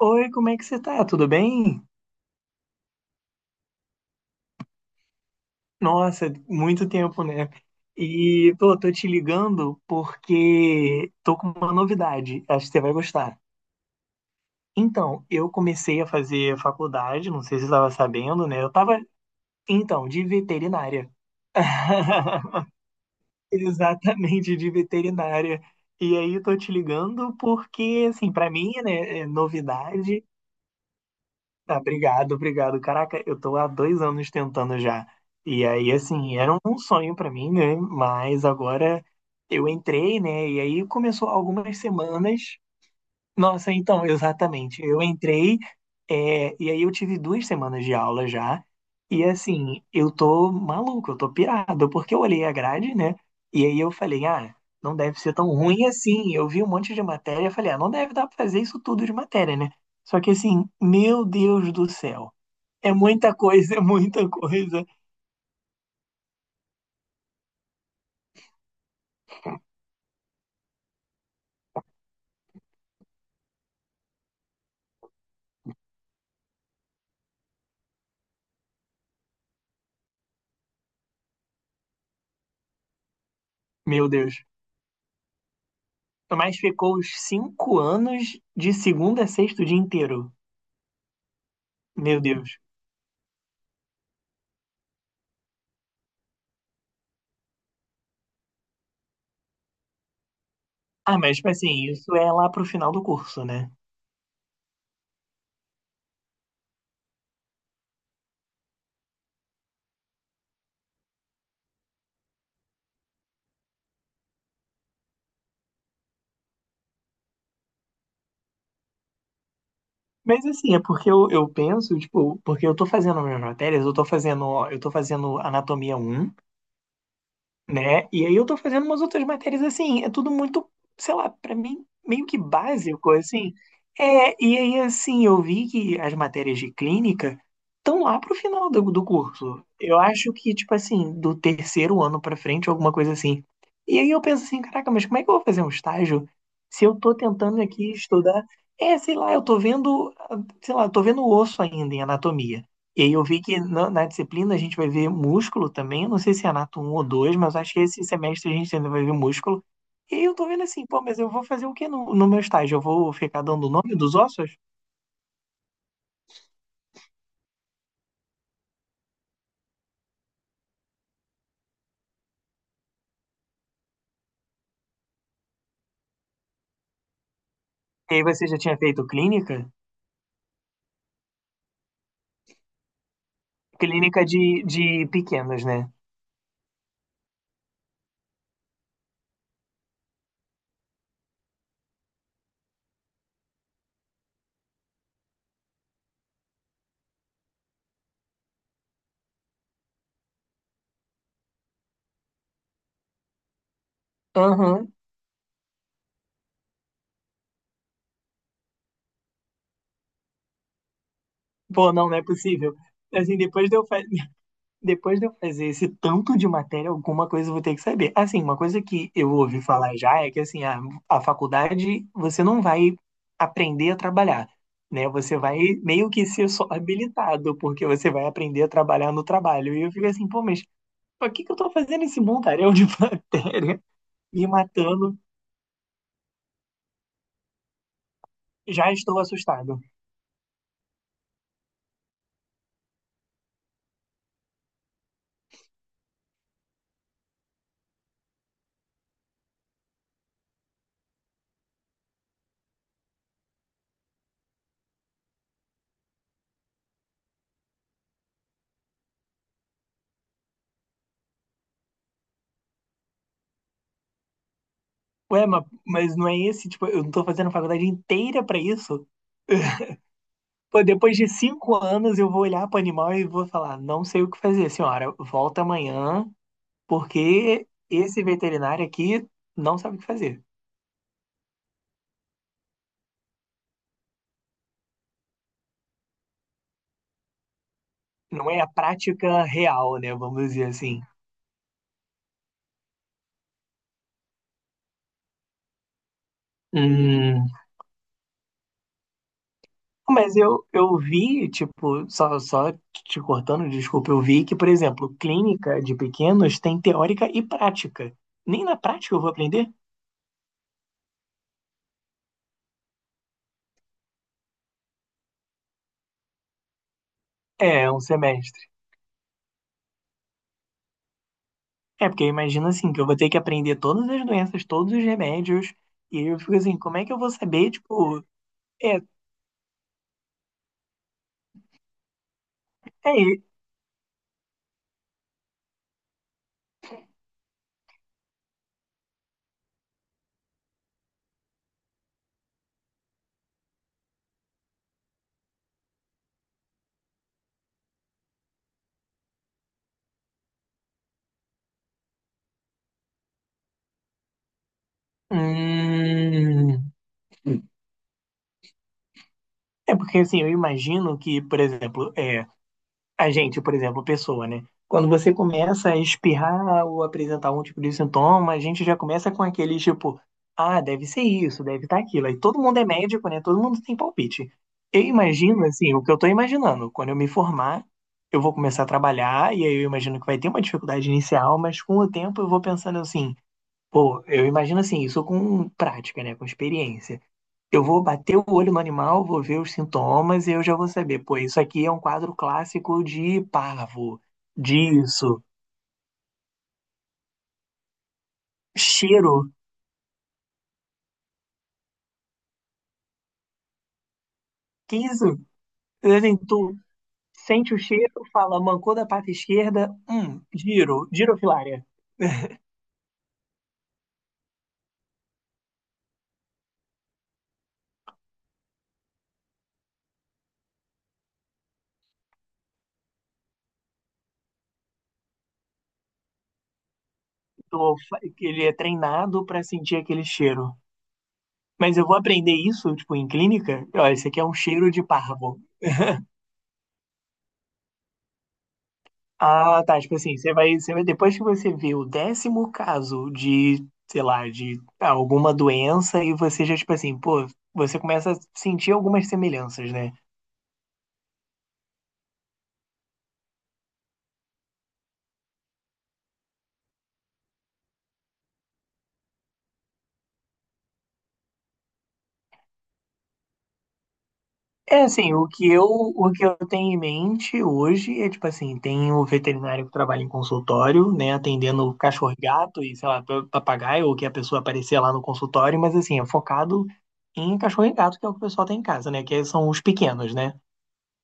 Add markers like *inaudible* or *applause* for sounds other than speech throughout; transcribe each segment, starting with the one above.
Oi, como é que você tá? Tudo bem? Nossa, muito tempo, né? E, pô, tô te ligando porque tô com uma novidade, acho que você vai gostar. Então, eu comecei a fazer faculdade, não sei se você estava sabendo, né? Eu tava, então, de veterinária. *laughs* Exatamente, de veterinária. E aí, tô te ligando porque, assim, pra mim, né, é novidade. Ah, obrigado, obrigado. Caraca, eu tô há 2 anos tentando já. E aí, assim, era um sonho pra mim, né? Mas agora eu entrei, né? E aí começou algumas semanas. Nossa, então, exatamente. Eu entrei, é, e aí eu tive 2 semanas de aula já, e assim, eu tô maluco, eu tô pirado, porque eu olhei a grade, né? E aí eu falei, ah, não deve ser tão ruim assim. Eu vi um monte de matéria, falei, ah, não deve dar pra fazer isso tudo de matéria, né? Só que assim, meu Deus do céu, é muita coisa, *laughs* é muita coisa, meu Deus. Mas ficou os 5 anos de segunda a sexta o dia inteiro, meu Deus. Ah, mas, tipo assim, isso é lá pro final do curso, né? Mas, assim, é porque eu penso, tipo, porque eu tô fazendo minhas matérias, eu tô fazendo Anatomia um, né? E aí eu tô fazendo umas outras matérias assim, é tudo muito, sei lá, pra mim meio que básico, assim. É, e aí assim, eu vi que as matérias de clínica estão lá pro final do curso. Eu acho que, tipo assim, do terceiro ano pra frente, alguma coisa assim. E aí eu penso assim, caraca, mas como é que eu vou fazer um estágio se eu tô tentando aqui estudar? É, sei lá, eu tô vendo, ah, sei lá, eu tô vendo osso ainda em anatomia. E aí eu vi que na disciplina a gente vai ver músculo também. Eu não sei se é anato um ou dois mas acho que esse semestre a gente ainda vai ver músculo. E aí eu tô vendo assim, pô, mas eu vou fazer o que no meu estágio? Eu vou ficar dando o nome dos ossos? E aí você já tinha feito clínica? Clínica de pequenos, né? Aham. Pô, não, não é possível. Assim, depois de eu fazer esse tanto de matéria, alguma coisa eu vou ter que saber. Assim, uma coisa que eu ouvi falar já é que assim, a faculdade você não vai aprender a trabalhar, né? Você vai meio que ser só habilitado, porque você vai aprender a trabalhar no trabalho. E eu fico assim, pô, mas pra que que eu tô fazendo esse montaréu de *laughs* matéria me matando? Já estou assustado. Ué, mas não é esse, tipo, eu não tô fazendo a faculdade inteira pra isso? *laughs* Pô, depois de 5 anos, eu vou olhar para o animal e vou falar: não sei o que fazer, senhora. Volta amanhã, porque esse veterinário aqui não sabe o que fazer. Não é a prática real, né? Vamos dizer assim. Hum, mas eu vi, tipo, só te cortando, desculpa, eu vi que, por exemplo, clínica de pequenos tem teórica e prática. Nem na prática eu vou aprender? É, um semestre. É, porque eu imagino assim, que eu vou ter que aprender todas as doenças, todos os remédios, e eu fico assim, como é que eu vou saber, tipo, é, é, hum, porque assim, eu imagino que, por exemplo, a gente, por exemplo, pessoa, né? Quando você começa a espirrar ou apresentar algum tipo de sintoma, a gente já começa com aqueles tipo, ah, deve ser isso, deve estar aquilo. Aí todo mundo é médico, né? Todo mundo tem palpite. Eu imagino, assim, o que eu tô imaginando. Quando eu me formar, eu vou começar a trabalhar, e aí eu imagino que vai ter uma dificuldade inicial, mas com o tempo eu vou pensando assim, pô, eu imagino assim, isso com prática, né? Com experiência. Eu vou bater o olho no animal, vou ver os sintomas e eu já vou saber. Pô, isso aqui é um quadro clássico de parvo, disso, cheiro, que isso? Assim, tu sente o cheiro, fala, mancou da pata esquerda, girofilária. Então, ele é treinado para sentir aquele cheiro. Mas eu vou aprender isso, tipo, em clínica? Ó, esse aqui é um cheiro de parvo. Ah, tá. Tipo assim, você vai, depois que você vê o décimo caso de, sei lá, de alguma doença, e você já, tipo assim, pô, você começa a sentir algumas semelhanças, né? É assim, o que eu tenho em mente hoje é, tipo assim, tem o veterinário que trabalha em consultório, né, atendendo cachorro-gato e, sei lá, papagaio, ou que a pessoa aparecer lá no consultório, mas assim, é focado em cachorro-gato, e gato, que é o que o pessoal tem em casa, né, que são os pequenos, né?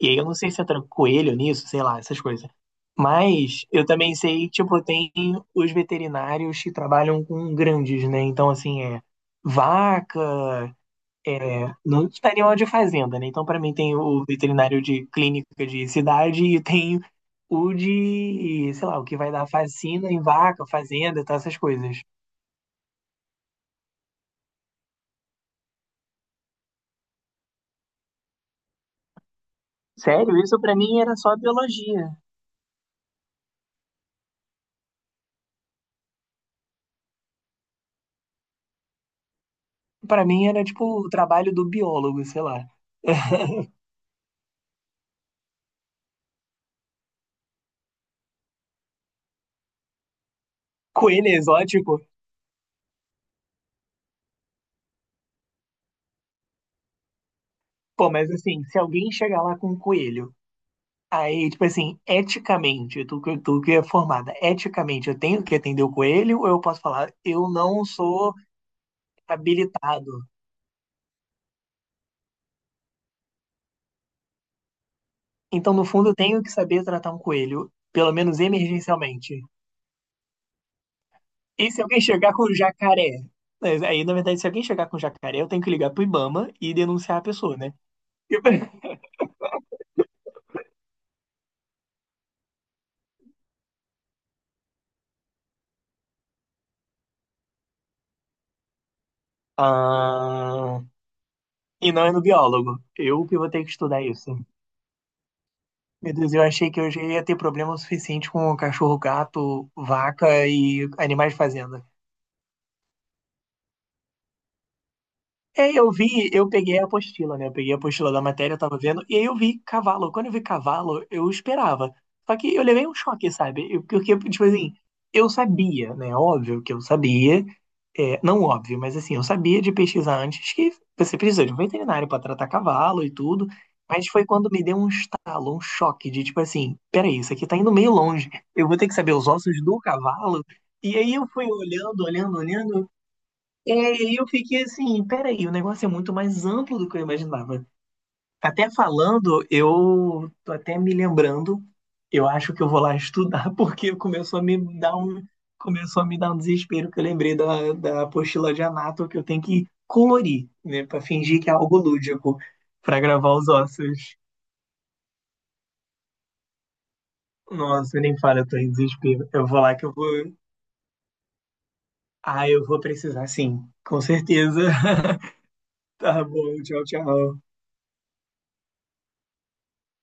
E aí eu não sei se entra coelho nisso, sei lá, essas coisas. Mas eu também sei, tipo, tem os veterinários que trabalham com grandes, né? Então, assim, é vaca, é, não tá animal de fazenda, né? Então, pra mim, tem o veterinário de clínica de cidade e tem o de, sei lá, o que vai dar vacina em vaca, fazenda, tá, essas coisas. Sério, isso pra mim era só biologia. Pra mim era, tipo, o trabalho do biólogo, sei lá. *laughs* Coelho exótico, pô, mas assim, se alguém chegar lá com um coelho, aí, tipo assim, eticamente, tu que é formada, eticamente, eu tenho que atender o coelho ou eu posso falar, eu não sou habilitado? Então, no fundo, eu tenho que saber tratar um coelho, pelo menos emergencialmente. E se alguém chegar com um jacaré? Mas aí, na verdade, se alguém chegar com um jacaré, eu tenho que ligar pro Ibama e denunciar a pessoa, né? *laughs* Ah, e não é no biólogo. Eu que vou ter que estudar isso. Meu Deus, eu achei que eu já ia ter problema o suficiente com cachorro, gato, vaca e animais de fazenda. É, eu vi, eu peguei a apostila, né? Eu peguei a apostila da matéria, eu tava vendo, e aí eu vi cavalo. Quando eu vi cavalo, eu esperava. Só que eu levei um choque, sabe? Porque, tipo assim, eu sabia, né? Óbvio que eu sabia, é, não óbvio, mas assim, eu sabia de pesquisar antes que você precisa de um veterinário pra tratar cavalo e tudo. Mas foi quando me deu um estalo, um choque de tipo assim, peraí, isso aqui tá indo meio longe. Eu vou ter que saber os ossos do cavalo. E aí eu fui olhando, olhando, olhando. É, e eu fiquei assim, peraí, o negócio é muito mais amplo do que eu imaginava. Até falando, eu tô até me lembrando, eu acho que eu vou lá estudar, *laughs* porque começou a me dar um, começou a me dar um desespero que eu lembrei da apostila de Anato que eu tenho que colorir, né, pra fingir que é algo lúdico, pra gravar os ossos. Nossa, nem fala, eu tô em desespero. Eu vou lá que eu vou. Ah, eu vou precisar sim, com certeza. *laughs* Tá bom, tchau, tchau.